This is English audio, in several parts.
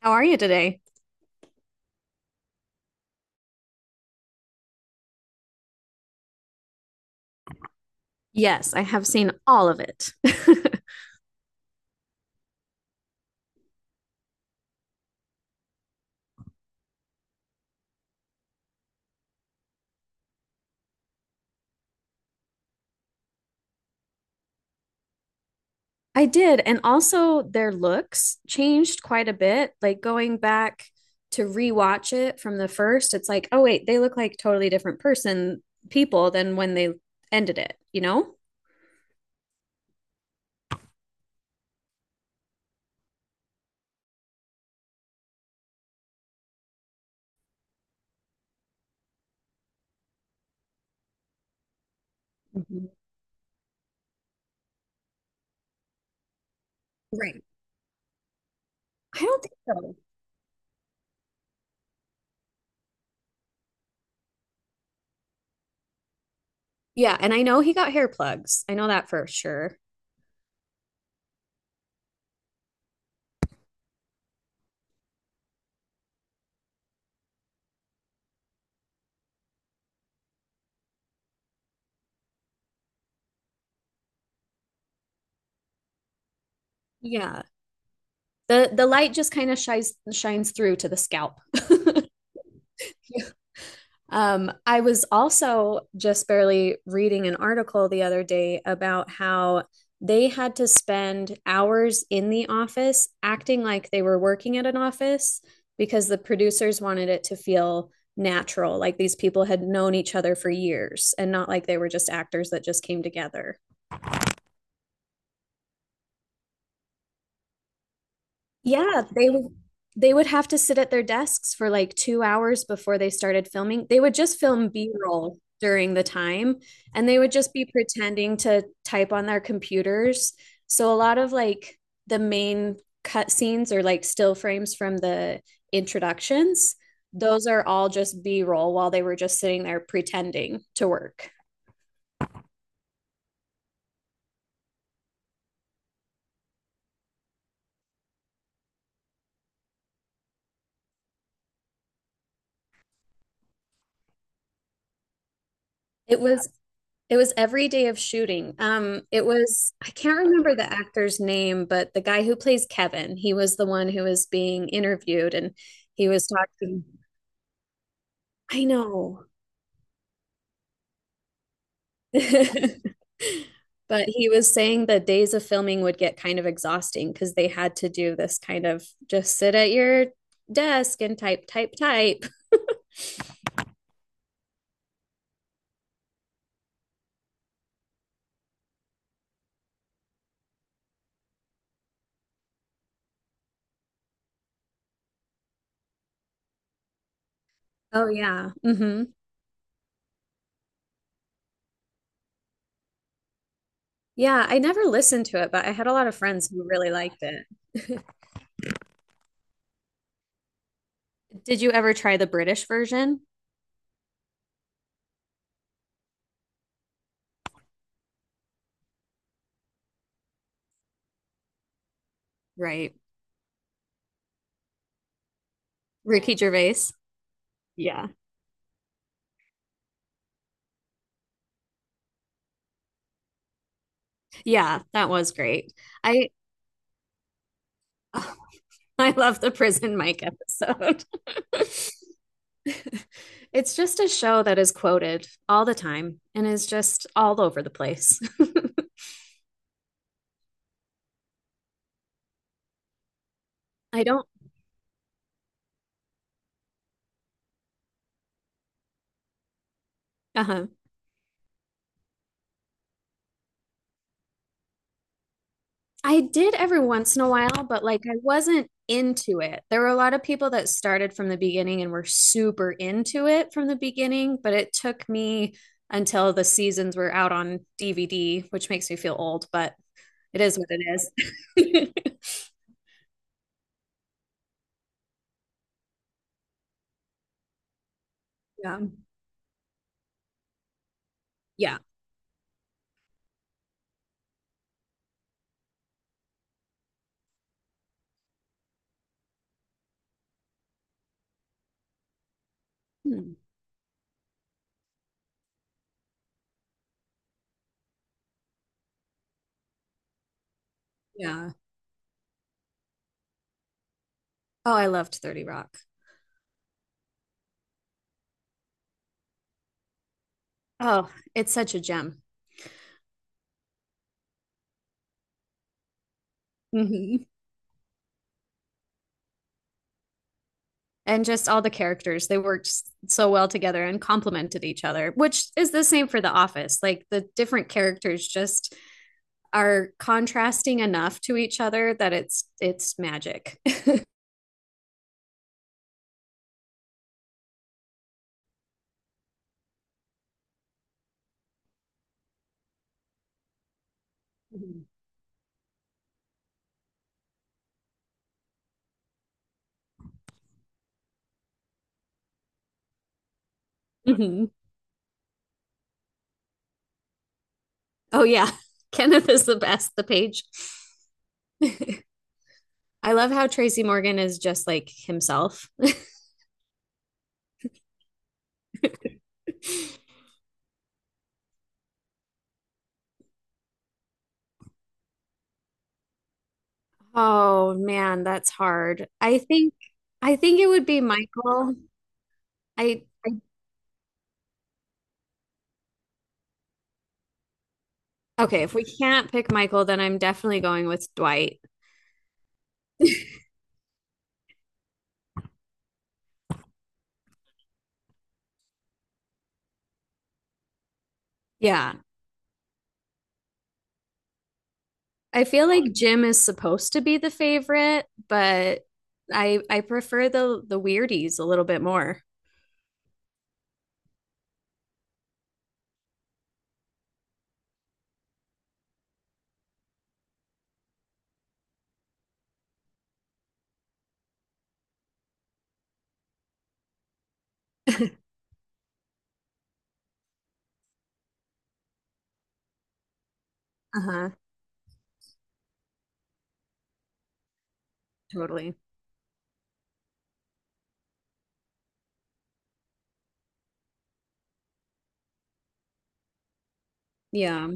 How are you today? Yes, I have seen all of it. I did. And also, their looks changed quite a bit. Like going back to rewatch it from the first, it's like, oh, wait, they look like totally different person, people than when they ended it, you know? Mhm. Right. I don't think so. Yeah, and I know he got hair plugs. I know that for sure. Yeah. The light just kind of shines through to the scalp. I was also just barely reading an article the other day about how they had to spend hours in the office acting like they were working at an office because the producers wanted it to feel natural, like these people had known each other for years and not like they were just actors that just came together. Yeah, they would have to sit at their desks for like 2 hours before they started filming. They would just film B-roll during the time and they would just be pretending to type on their computers. So a lot of like the main cut scenes or like still frames from the introductions, those are all just B-roll while they were just sitting there pretending to work. It was It was every day of shooting. It was, I can't remember the actor's name, but the guy who plays Kevin, he was the one who was being interviewed and he was talking. I know. But he was saying the days of filming would get kind of exhausting because they had to do this kind of just sit at your desk and type, type, type. Oh yeah. Hmm. Yeah, I never listened to it, but I had a lot of friends who really liked it. Did you ever try the British version? Right. Ricky Gervais. Yeah. Yeah, that was great. I I love the Prison Mike episode. It's just a show that is quoted all the time and is just all over the place. I don't. Uh-huh. I did every once in a while, but like I wasn't into it. There were a lot of people that started from the beginning and were super into it from the beginning, but it took me until the seasons were out on DVD, which makes me feel old, but it is what it is. Yeah. Yeah. Hmm. Yeah. Oh, I loved 30 Rock. Oh, it's such a gem. Mhm. And just all the characters they worked so well together and complemented each other, which is the same for the office, like the different characters just are contrasting enough to each other that it's magic. Mhm. Oh yeah. Kenneth is the best, the page. I love how Tracy Morgan is just like himself. Oh man, that's hard. I think it would be Michael. I okay if we can't pick Michael, then I'm definitely going with Dwight. Yeah. I feel like Jim is supposed to be the favorite, but I prefer the weirdies a little bit more. Uh-huh. Totally. Yeah.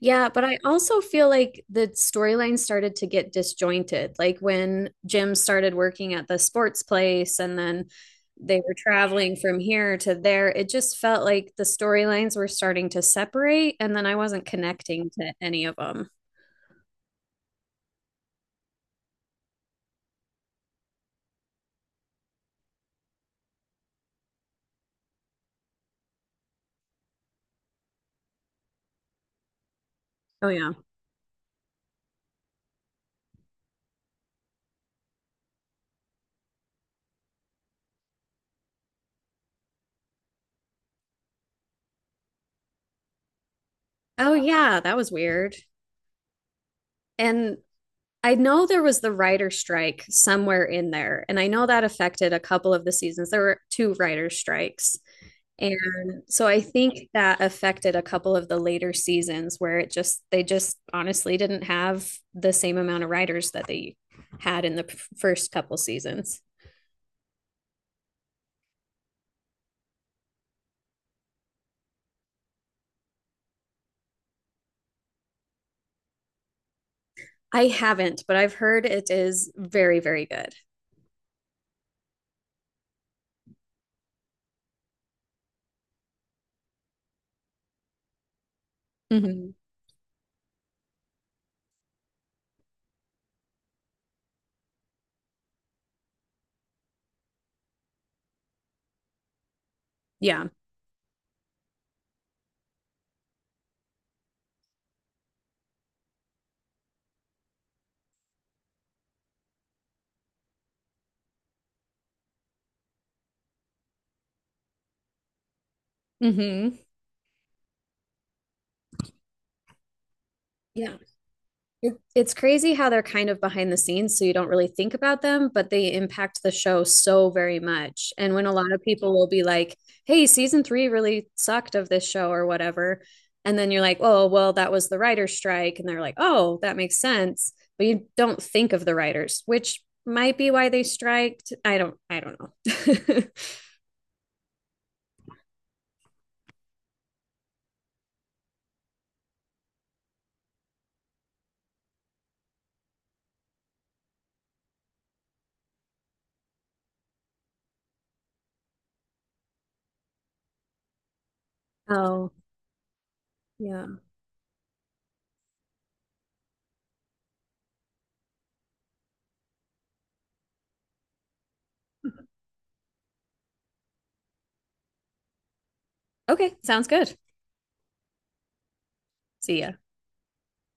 Yeah, but I also feel like the storyline started to get disjointed. Like when Jim started working at the sports place and then they were traveling from here to there, it just felt like the storylines were starting to separate and then I wasn't connecting to any of them. Oh yeah. Oh yeah, that was weird. And I know there was the writer strike somewhere in there, and I know that affected a couple of the seasons. There were two writer strikes. And so I think that affected a couple of the later seasons where it just they just honestly didn't have the same amount of writers that they had in the first couple seasons. I haven't, but I've heard it is very, very good. Hmm. Yeah. Mm-hmm. Yeah. It's crazy how they're kind of behind the scenes, so you don't really think about them, but they impact the show so very much. And when a lot of people will be like, hey, season three really sucked of this show or whatever. And then you're like, oh, well, that was the writer's strike. And they're like, oh, that makes sense. But you don't think of the writers, which might be why they striked. I don't know. Oh, yeah. Okay. Sounds good. See ya.